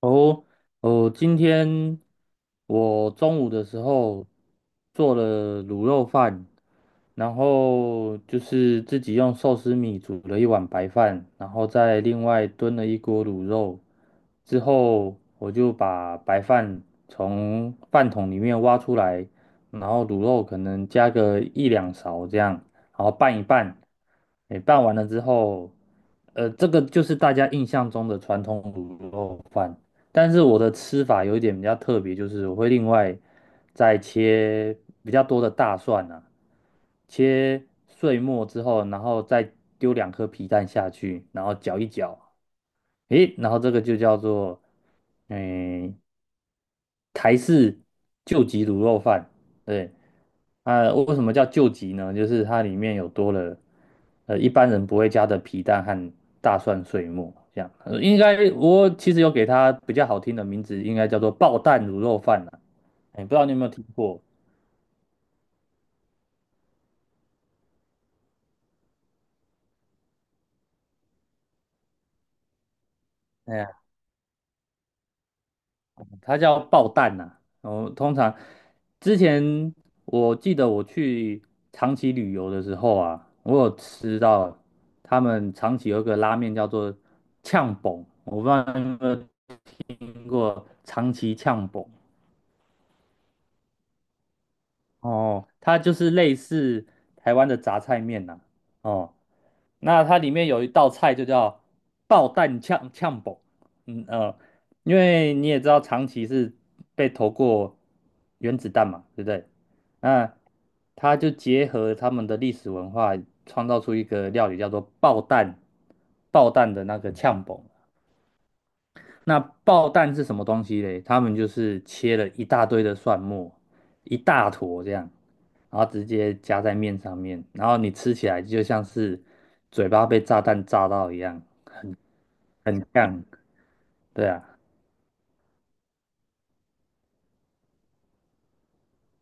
哦，哦，今天我中午的时候做了卤肉饭，然后就是自己用寿司米煮了一碗白饭，然后再另外炖了一锅卤肉。之后我就把白饭从饭桶里面挖出来，然后卤肉可能加个一两勺这样，然后拌一拌。诶，拌完了之后，这个就是大家印象中的传统卤肉饭。但是我的吃法有一点比较特别，就是我会另外再切比较多的大蒜啊，切碎末之后，然后再丢两颗皮蛋下去，然后搅一搅，诶，然后这个就叫做嗯台式救急卤肉饭，对。啊，为什么叫救急呢？就是它里面有多了，一般人不会加的皮蛋和大蒜碎末，这样。应该我其实有给它比较好听的名字，应该叫做爆蛋卤肉饭啦。哎，不知道你有没有听过？哎呀，它叫爆蛋呐。然后通常之前我记得我去长崎旅游的时候啊，我有吃到他们长崎有一个拉面叫做呛崩，我不知道你有没有听过长崎呛崩。哦，它就是类似台湾的杂菜面呐、哦，那它里面有一道菜就叫爆蛋呛呛煲。嗯呃，因为你也知道长崎是被投过原子弹嘛，对不对？那他就结合他们的历史文化，创造出一个料理叫做爆蛋爆蛋的那个呛煲。那爆蛋是什么东西嘞？他们就是切了一大堆的蒜末，一大坨这样，然后直接夹在面上面，然后你吃起来就像是嘴巴被炸弹炸到一样，很呛。对啊，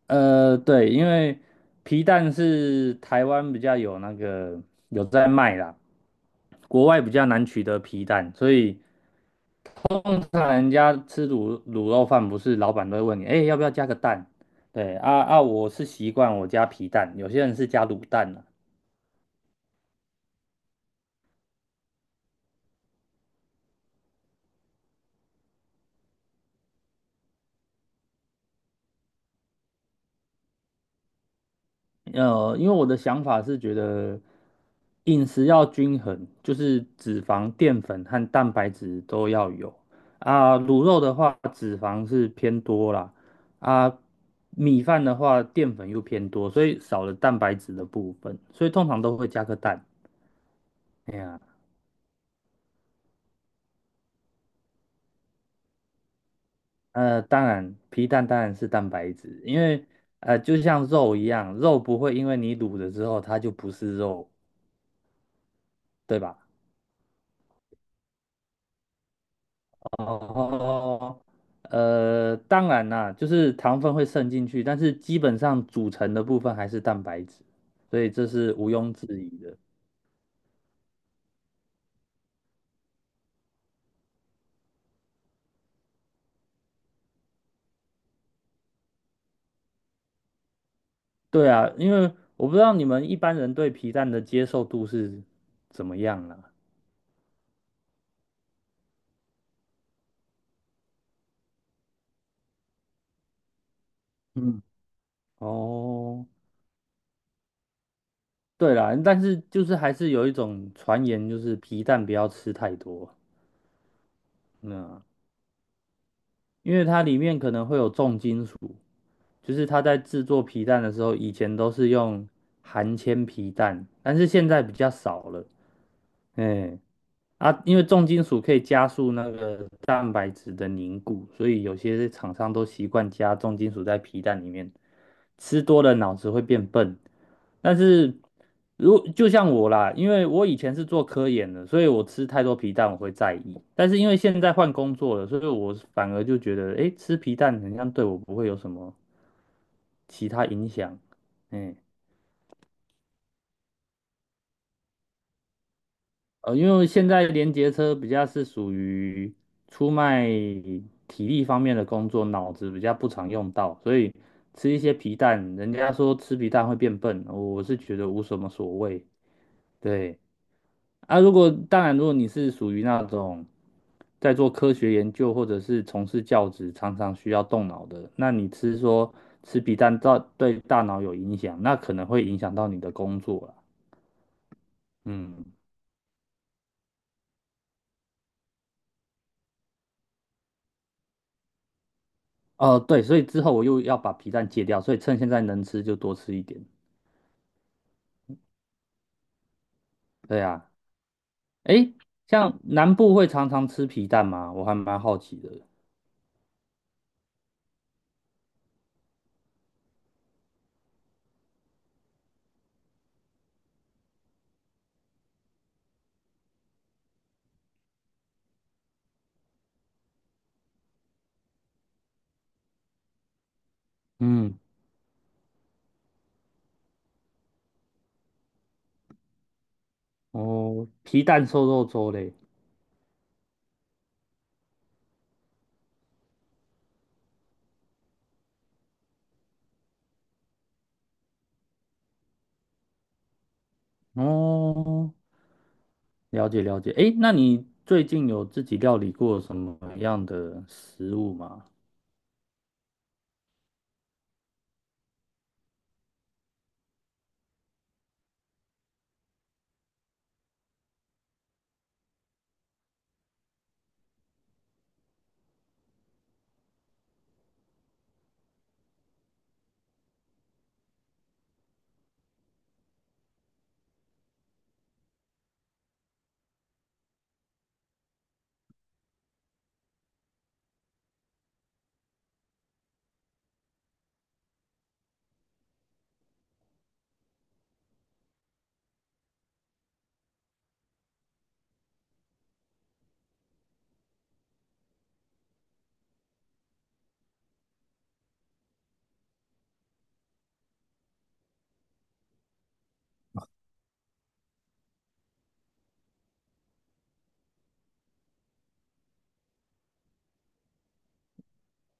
对，因为皮蛋是台湾比较有那个有在卖啦，国外比较难取得皮蛋，所以通常人家吃卤肉饭，不是老板都会问你，哎、要不要加个蛋？对啊啊，我是习惯我加皮蛋，有些人是加卤蛋啊。因为我的想法是觉得饮食要均衡，就是脂肪、淀粉和蛋白质都要有啊。卤肉的话，脂肪是偏多啦，啊，米饭的话，淀粉又偏多，所以少了蛋白质的部分，所以通常都会加个蛋。哎呀。当然，皮蛋当然是蛋白质，因为就像肉一样，肉不会因为你卤了之后它就不是肉，对吧？哦，当然啦，就是糖分会渗进去，但是基本上组成的部分还是蛋白质，所以这是毋庸置疑的。对啊，因为我不知道你们一般人对皮蛋的接受度是怎么样啦。嗯，哦，对啦，但是就是还是有一种传言，就是皮蛋不要吃太多。嗯，因为它里面可能会有重金属，就是它在制作皮蛋的时候，以前都是用含铅皮蛋，但是现在比较少了。哎，啊，因为重金属可以加速那个蛋白质的凝固，所以有些厂商都习惯加重金属在皮蛋里面。吃多了脑子会变笨，但是就像我啦，因为我以前是做科研的，所以我吃太多皮蛋我会在意。但是因为现在换工作了，所以我反而就觉得，诶，吃皮蛋好像对我不会有什么其他影响。嗯。因为现在连结车比较是属于出卖体力方面的工作，脑子比较不常用到，所以吃一些皮蛋，人家说吃皮蛋会变笨，我是觉得无什么所谓。对啊，如果当然，如果你是属于那种在做科学研究或者是从事教职，常常需要动脑的，那你吃皮蛋造对大脑有影响，那可能会影响到你的工作了。嗯。哦，对，所以之后我又要把皮蛋戒掉，所以趁现在能吃就多吃一点。对啊，诶，像南部会常常吃皮蛋吗？我还蛮好奇的。嗯，哦，皮蛋瘦肉粥嘞。哦，了解了解。诶，那你最近有自己料理过什么样的食物吗？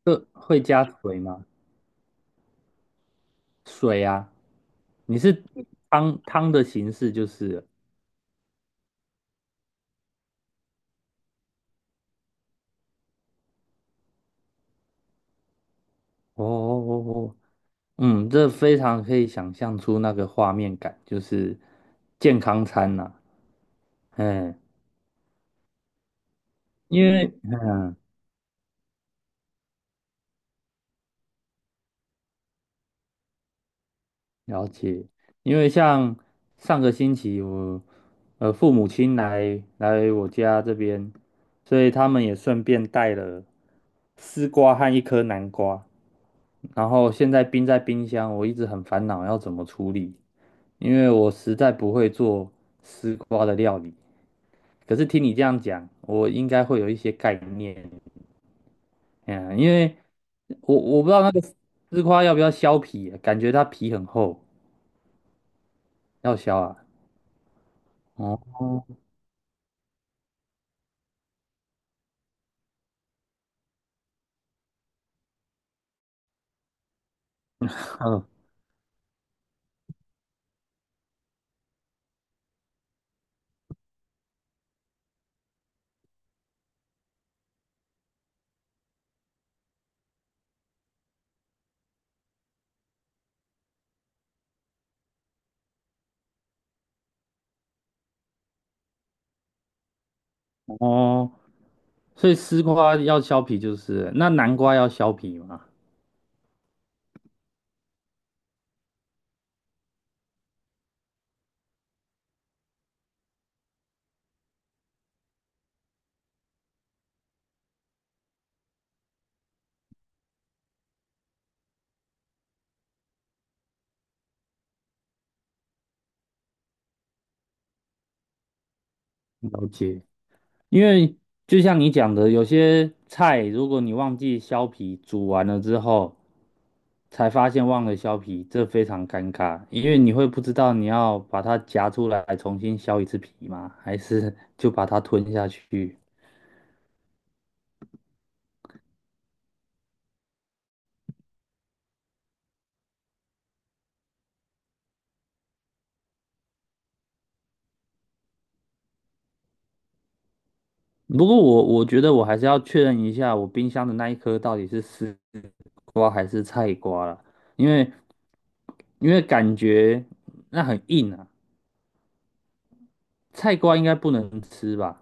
会加水吗？水啊，你是汤汤的形式就是哦哦哦哦嗯，这非常可以想象出那个画面感，就是健康餐呐、嗯，因为了解，因为像上个星期我父母亲来我家这边，所以他们也顺便带了丝瓜和一颗南瓜，然后现在冰在冰箱，我一直很烦恼要怎么处理，因为我实在不会做丝瓜的料理。可是听你这样讲，我应该会有一些概念，嗯，因为我不知道那个丝瓜要不要削皮，感觉它皮很厚，要削啊。哦，嗯哦，所以丝瓜要削皮就是了那南瓜要削皮吗？了解。因为就像你讲的，有些菜如果你忘记削皮，煮完了之后才发现忘了削皮，这非常尴尬，因为你会不知道你要把它夹出来重新削一次皮吗？还是就把它吞下去？不过我觉得我还是要确认一下，我冰箱的那一颗到底是丝瓜还是菜瓜啦，因为因为感觉那很硬啊，菜瓜应该不能吃吧？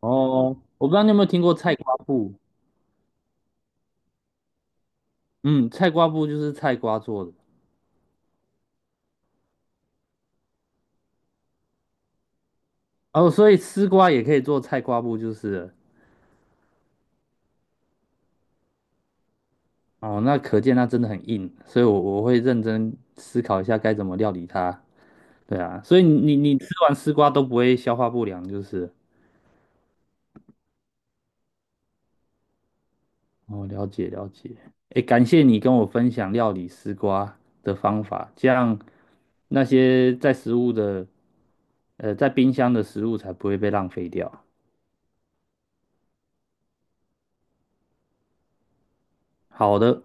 哦，我不知道你有没有听过菜瓜布，嗯，菜瓜布就是菜瓜做的哦，所以丝瓜也可以做菜瓜布就是了哦，那可见它真的很硬，所以我会认真思考一下该怎么料理它。对啊，所以你吃完丝瓜都不会消化不良就是了哦，了解了解。诶，感谢你跟我分享料理丝瓜的方法，这样那些在食物的，呃，在冰箱的食物才不会被浪费掉。好的。